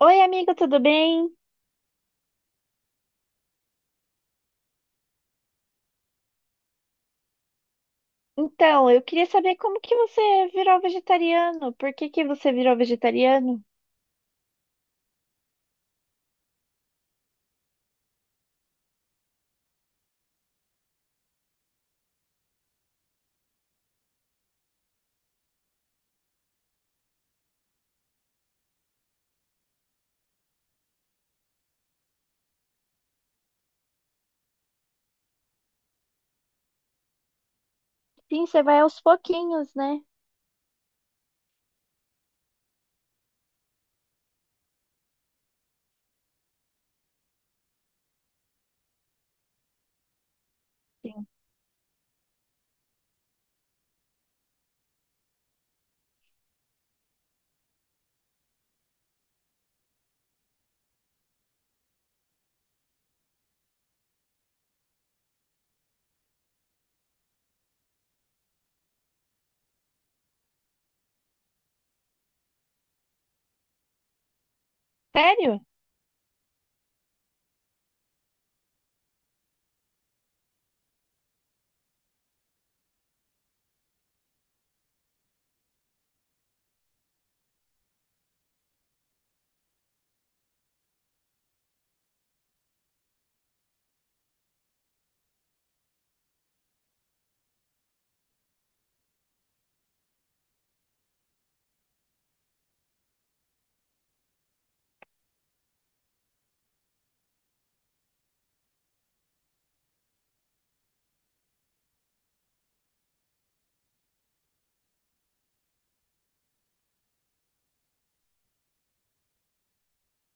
Oi, amigo, tudo bem? Então, eu queria saber como que você virou vegetariano. Por que que você virou vegetariano? Sim, você vai aos pouquinhos, né? Sim. Sério?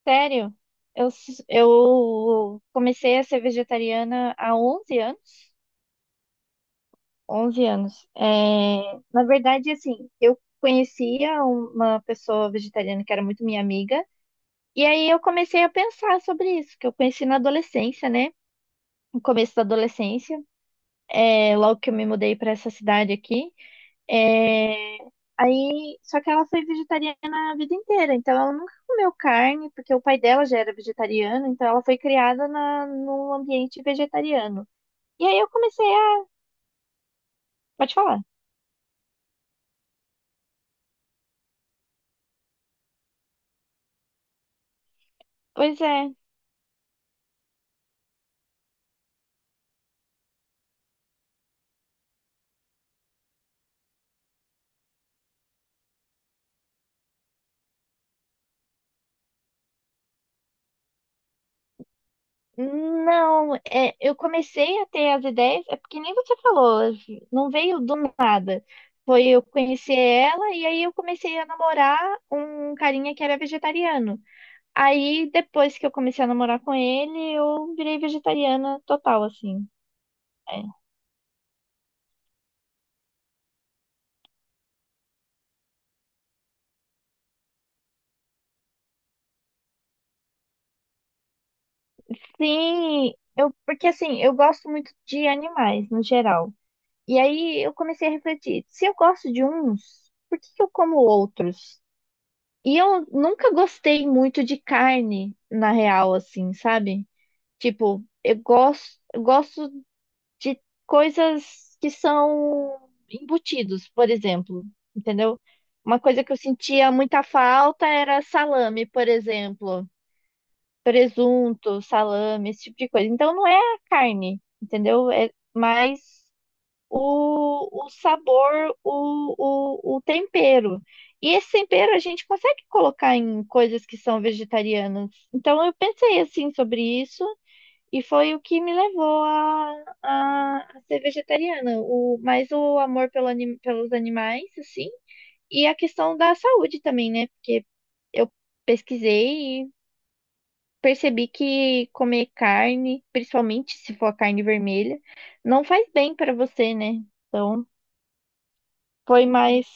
Sério? Eu comecei a ser vegetariana há 11 anos. 11 anos. É, na verdade, assim, eu conhecia uma pessoa vegetariana que era muito minha amiga. E aí eu comecei a pensar sobre isso, que eu conheci na adolescência, né? No começo da adolescência. É, logo que eu me mudei pra essa cidade aqui. Só que ela foi vegetariana a vida inteira, então ela nunca comeu carne, porque o pai dela já era vegetariano, então ela foi criada num ambiente vegetariano. E aí eu comecei a. Pode falar. Pois é. Não, é, eu comecei a ter as ideias, é porque nem você falou, não veio do nada. Foi eu conhecer ela e aí eu comecei a namorar um carinha que era vegetariano. Aí, depois que eu comecei a namorar com ele, eu virei vegetariana total, assim. É. Sim, eu, porque assim, eu gosto muito de animais, no geral. E aí eu comecei a refletir, se eu gosto de uns, por que que eu como outros? E eu nunca gostei muito de carne, na real, assim, sabe? Tipo, eu gosto de coisas que são embutidos, por exemplo, entendeu? Uma coisa que eu sentia muita falta era salame, por exemplo, presunto, salame, esse tipo de coisa. Então não é a carne, entendeu? É mais o sabor, o tempero. E esse tempero a gente consegue colocar em coisas que são vegetarianas. Então eu pensei assim sobre isso e foi o que me levou a ser vegetariana. O, mais o amor pelos animais, assim, e a questão da saúde também, né? Porque eu pesquisei e percebi que comer carne, principalmente se for a carne vermelha, não faz bem para você, né? Então, foi mais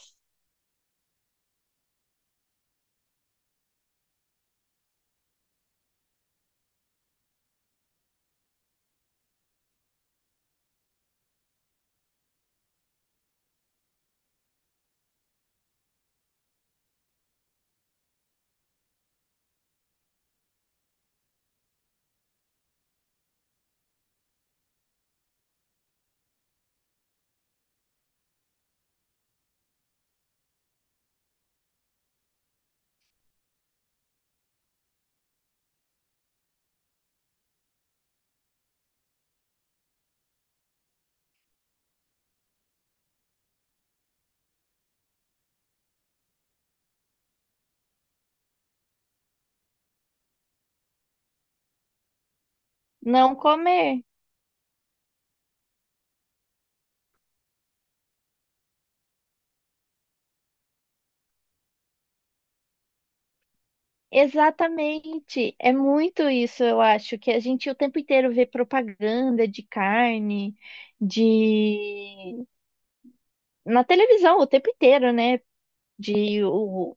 não comer. Exatamente, é muito isso, eu acho, que a gente o tempo inteiro vê propaganda de carne, de na televisão o tempo inteiro, né? De o,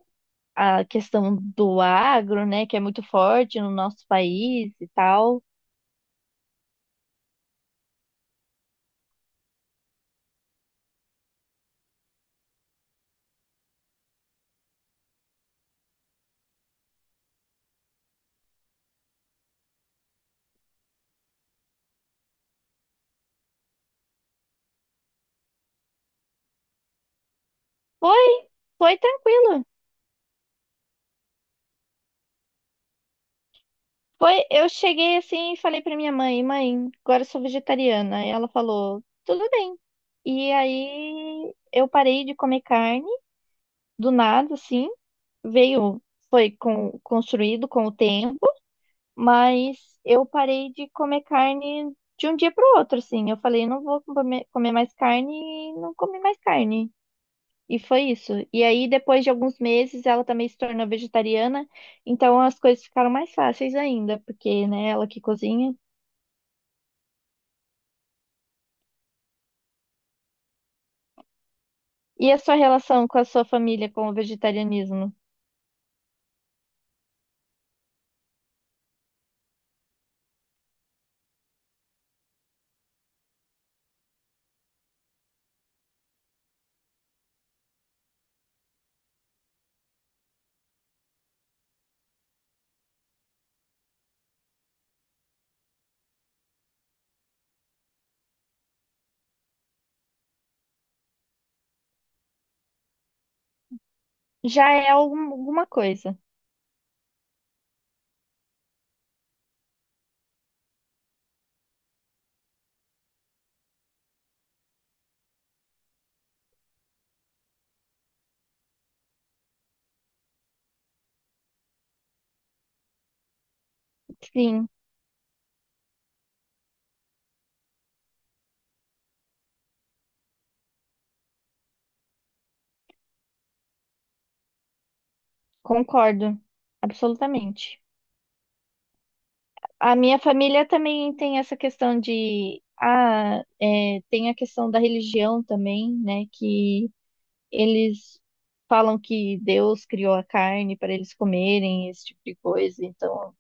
a questão do agro, né? Que é muito forte no nosso país e tal. Foi, foi tranquilo. Foi, eu cheguei assim e falei pra minha mãe, mãe, agora eu sou vegetariana. E ela falou, tudo bem. E aí eu parei de comer carne do nada, assim. Veio, foi com, construído com o tempo. Mas eu parei de comer carne de um dia para o outro, assim. Eu falei, não vou comer mais carne e não comi mais carne. E foi isso. E aí, depois de alguns meses, ela também se tornou vegetariana. Então, as coisas ficaram mais fáceis ainda, porque, né, ela que cozinha. E a sua relação com a sua família com o vegetarianismo? Já é alguma coisa. Sim, concordo. Absolutamente. A minha família também tem essa questão de. Ah, é, tem a questão da religião também, né? Que eles falam que Deus criou a carne para eles comerem, esse tipo de coisa. Então,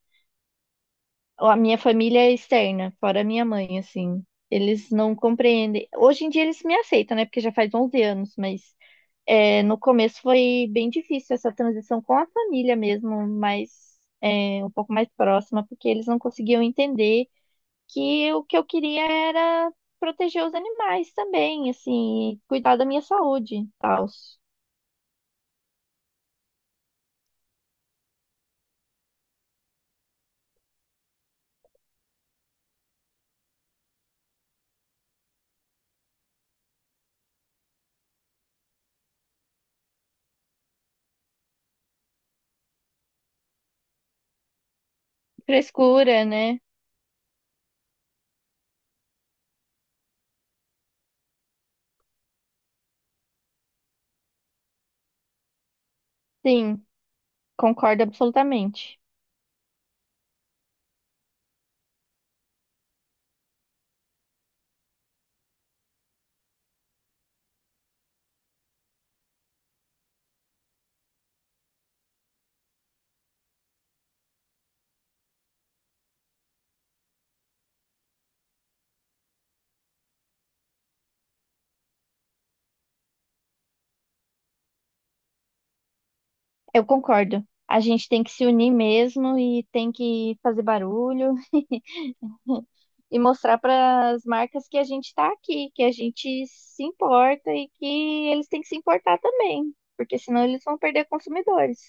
a minha família é externa, fora a minha mãe, assim. Eles não compreendem. Hoje em dia eles me aceitam, né? Porque já faz 11 anos, mas é, no começo foi bem difícil essa transição com a família mesmo, mas é, um pouco mais próxima, porque eles não conseguiam entender que o que eu queria era proteger os animais também, assim, cuidar da minha saúde, tal. Frescura, né? Sim, concordo absolutamente. Eu concordo. A gente tem que se unir mesmo e tem que fazer barulho e mostrar para as marcas que a gente está aqui, que a gente se importa e que eles têm que se importar também, porque senão eles vão perder consumidores.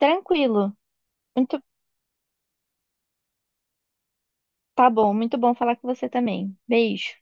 Tranquilo. Muito, tá bom, muito bom falar com você também. Beijo.